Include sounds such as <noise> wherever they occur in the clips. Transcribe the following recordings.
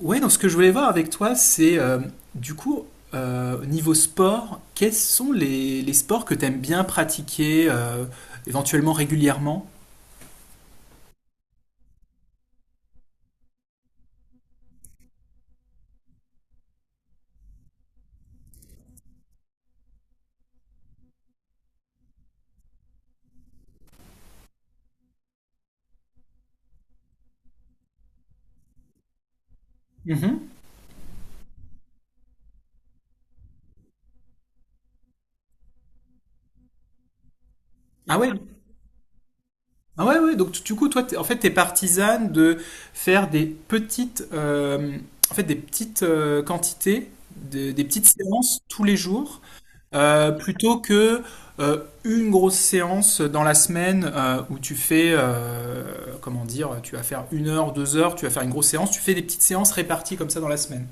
Ouais, donc ce que je voulais voir avec toi, c'est du coup, au niveau sport, quels sont les sports que tu aimes bien pratiquer, éventuellement régulièrement? Mhm. Ah ouais? Ah ouais, ouais. Donc du coup, toi, en fait, tu es partisane de faire des petites, en fait, des petites quantités, des petites séances tous les jours. Plutôt que une grosse séance dans la semaine où tu fais, comment dire, tu vas faire 1 heure, 2 heures, tu vas faire une grosse séance, tu fais des petites séances réparties comme ça dans la semaine.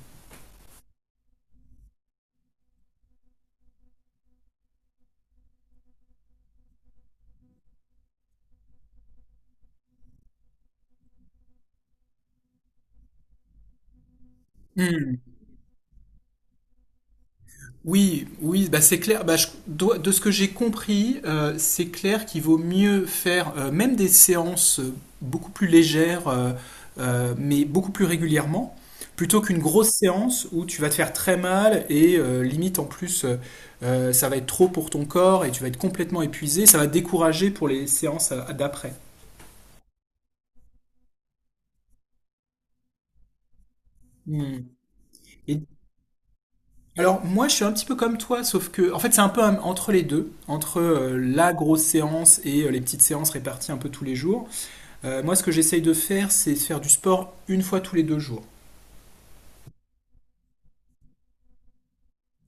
Hmm. Oui, oui, bah c'est clair. Bah de ce que j'ai compris, c'est clair qu'il vaut mieux faire même des séances beaucoup plus légères, mais beaucoup plus régulièrement, plutôt qu'une grosse séance où tu vas te faire très mal et limite en plus ça va être trop pour ton corps et tu vas être complètement épuisé. Ça va te décourager pour les séances d'après. Hmm. Alors moi je suis un petit peu comme toi, sauf que en fait c'est un peu entre les deux, entre la grosse séance et les petites séances réparties un peu tous les jours. Moi ce que j'essaye de faire c'est de faire du sport une fois tous les deux jours.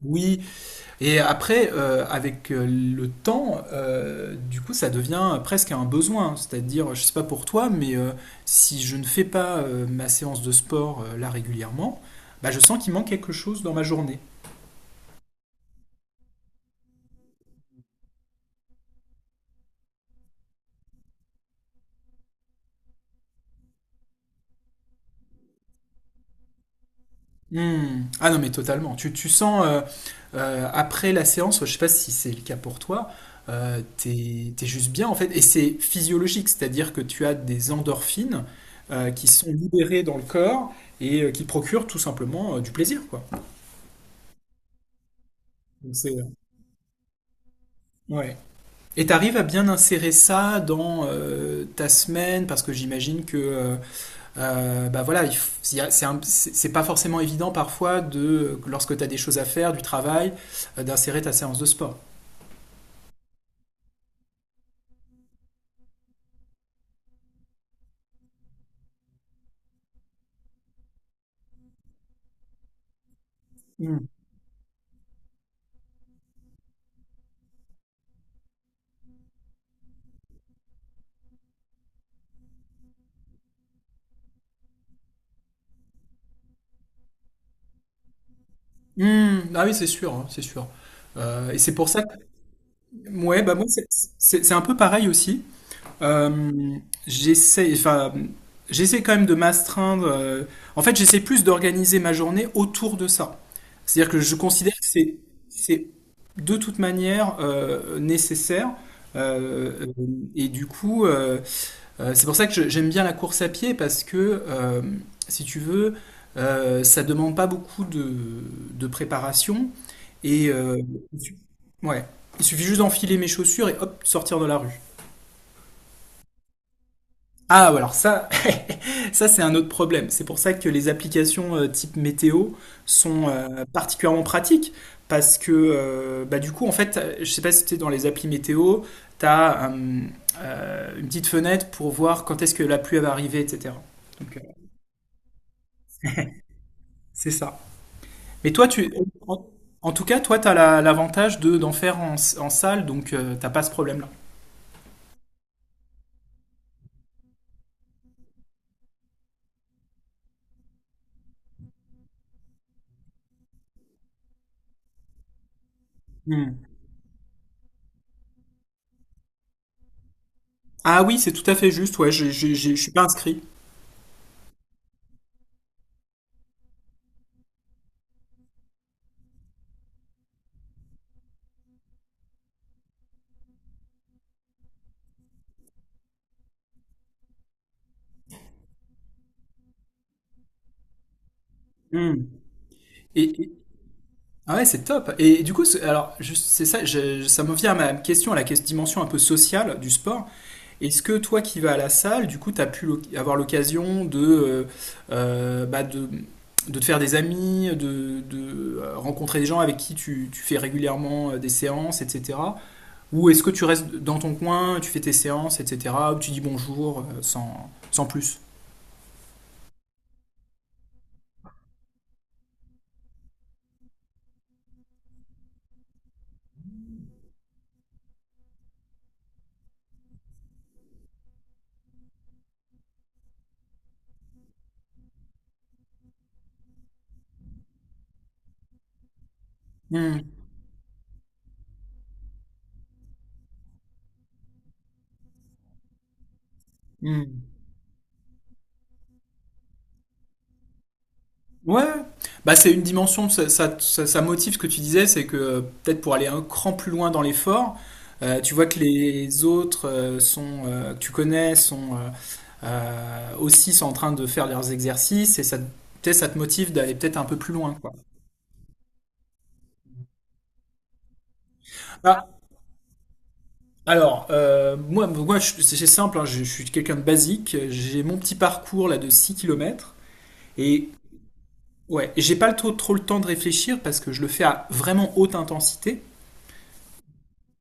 Oui, et après avec le temps, du coup ça devient presque un besoin. C'est-à-dire, je sais pas pour toi, mais si je ne fais pas ma séance de sport là régulièrement, bah, je sens qu'il manque quelque chose dans ma journée. Hmm. Ah non, mais totalement. Tu sens, après la séance, je sais pas si c'est le cas pour toi, t'es juste bien en fait. Et c'est physiologique, c'est-à-dire que tu as des endorphines qui sont libérées dans le corps et qui procurent tout simplement du plaisir, quoi. Donc c'est, ouais. Et t'arrives à bien insérer ça dans ta semaine, parce que j'imagine que bah voilà, c'est pas forcément évident parfois de lorsque tu as des choses à faire, du travail, d'insérer ta séance de sport. Mm. Mm, ah oui, c'est sûr, hein, c'est sûr. Et c'est pour ça que ouais, bah moi c'est c'est un peu pareil aussi. Euh, j'essaie, enfin, j'essaie quand même de m'astreindre. En fait, j'essaie plus d'organiser ma journée autour de ça. C'est-à-dire que je considère que c'est de toute manière nécessaire. Euh, et du coup, c'est pour ça que j'aime bien la course à pied parce que, si tu veux, ça demande pas beaucoup de, préparation et il su- ouais, il suffit juste d'enfiler mes chaussures et hop, sortir de la rue. Ah, ouais, alors ça, <laughs> ça c'est un autre problème. C'est pour ça que les applications type météo sont particulièrement pratiques parce que bah, du coup, en fait, je sais pas si tu es dans les applis météo, tu as une petite fenêtre pour voir quand est-ce que la pluie elle va arriver, etc. Donc, c'est ça. Mais toi, tu, en, en tout cas, toi, l'avantage de d'en faire en salle, donc t'as pas ce problème-là. Hmm. Ah oui, c'est tout à fait juste. Ouais, je suis pas inscrit. Hmm. Et, ah ouais, c'est top. Et, du coup, alors juste, c'est ça, ça me vient à ma question, à la dimension un peu sociale du sport. Est-ce que toi qui vas à la salle, du coup, avoir l'occasion de, bah, de te faire des amis, de, rencontrer des gens avec qui tu, tu fais régulièrement des séances, etc. Ou est-ce que tu restes dans ton coin, tu fais tes séances, etc. Ou tu dis bonjour sans, sans plus. Hmm, hmm. Ouais, bah c'est une dimension, ça, ça motive ce que tu disais, c'est que peut-être pour aller un cran plus loin dans l'effort, tu vois que les autres sont, que tu connais sont aussi sont en train de faire leurs exercices et ça, peut-être ça te motive d'aller peut-être un peu plus loin, quoi. Ah, alors, moi, c'est simple, hein, je suis quelqu'un de basique, j'ai mon petit parcours là de 6 kilomètres. Et ouais, j'ai pas le trop, trop le temps de réfléchir parce que je le fais à vraiment haute intensité.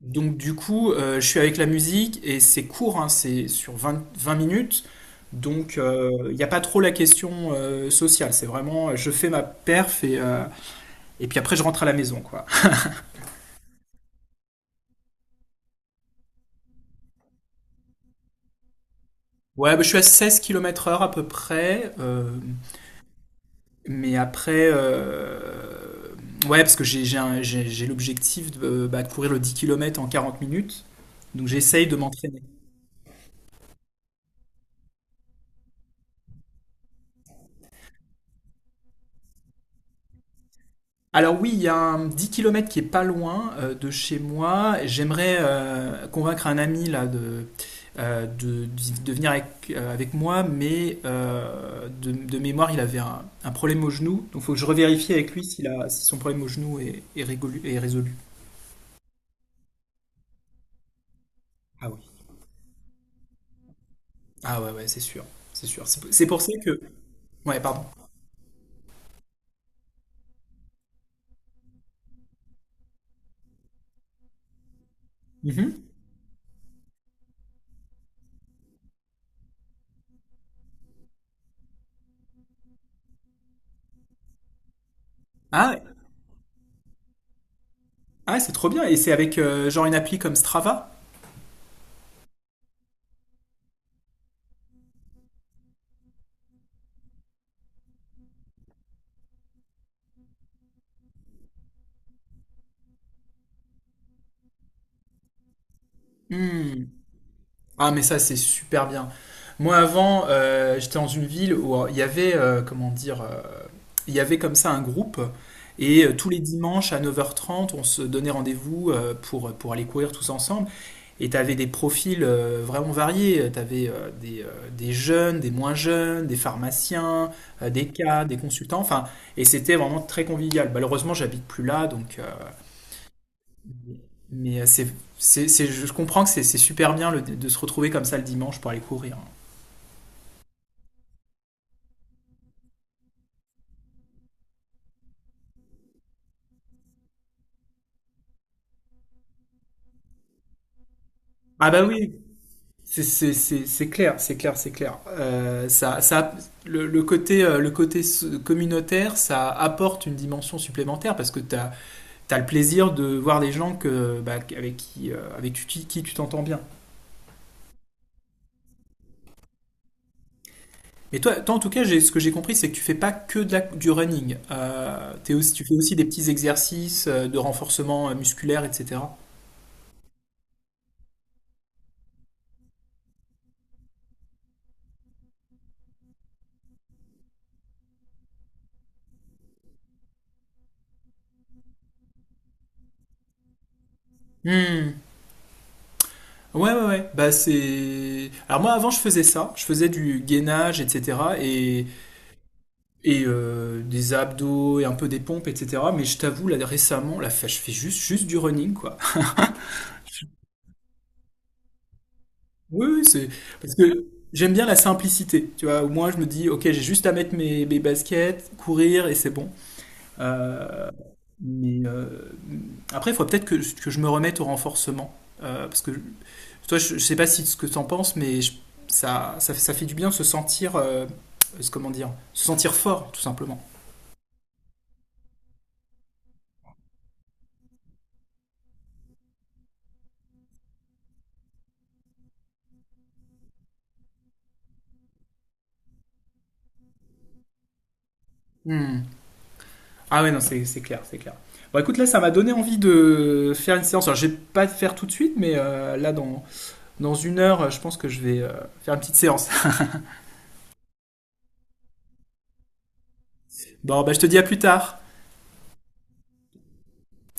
Donc du coup, je suis avec la musique et c'est court, hein, c'est sur 20 minutes. Donc il n'y a pas trop la question sociale. C'est vraiment, je fais ma perf et puis après je rentre à la maison, quoi. Ouais, bah, je suis à 16 km/h à peu près. Mais après, ouais, parce que j'ai l'objectif de, bah, de courir le 10 kilomètres en 40 minutes. Donc j'essaye de m'entraîner. Alors oui, il y a un 10 km qui est pas loin de chez moi. J'aimerais convaincre un ami là de, euh, de, de venir avec, avec moi, mais de, mémoire, il avait un problème au genou. Donc il faut que je revérifie avec lui s'il a, si son problème au genou est, est résolu. Ah oui. Ah ouais, ouais, c'est sûr. C'est sûr. C'est pour ça que... Ouais, pardon. Mhm. Ah, ah, c'est trop bien. Et c'est avec genre une appli comme Strava? Hmm. Ah, mais ça, c'est super bien. Moi, avant, j'étais dans une ville où il y avait, comment dire, il y avait comme ça un groupe. Et tous les dimanches à 9h30 on se donnait rendez-vous pour aller courir tous ensemble. Et tu avais des profils vraiment variés. Tu avais des, euh, des jeunes, des moins jeunes, des pharmaciens, des cas, des consultants. Enfin, et c'était vraiment très convivial. Malheureusement, j'habite plus là, donc mais c'est, je comprends que c'est super bien de se retrouver comme ça le dimanche pour aller courir. Ah bah oui, c'est clair, c'est clair, c'est clair. Ça, le côté communautaire, ça apporte une dimension supplémentaire parce que tu as, le plaisir de voir des gens que, bah, avec qui, avec qui tu t'entends bien. Mais toi, toi, en tout cas, ce que j'ai compris, c'est que tu fais pas que de du running. T'es aussi, tu fais aussi des petits exercices de renforcement musculaire, etc. Hmm. Ouais, ouais, ouais. Bah, c'est. Alors, moi, avant, je faisais ça. Je faisais du gainage, etc. Et, des abdos et un peu des pompes, etc. Mais je t'avoue, là, récemment, là, je fais juste du running, quoi. <laughs> Oui, oui, c'est. Parce que j'aime bien la simplicité. Tu vois, au moins, je me dis, ok, j'ai juste à mettre mes baskets, courir et c'est bon. Euh, mais après, il faut peut-être que, je me remette au renforcement. Parce que toi, je sais pas si ce que t'en penses, mais ça, ça fait du bien de se sentir, comment dire, se sentir fort, tout simplement. Hmm. Ah ouais, non, c'est clair, c'est clair. Bon, écoute, là, ça m'a donné envie de faire une séance. Alors, je vais pas le faire tout de suite, mais là, dans, 1 heure, je pense que je vais faire une petite séance. <laughs> Bon, bah, je te dis à plus tard.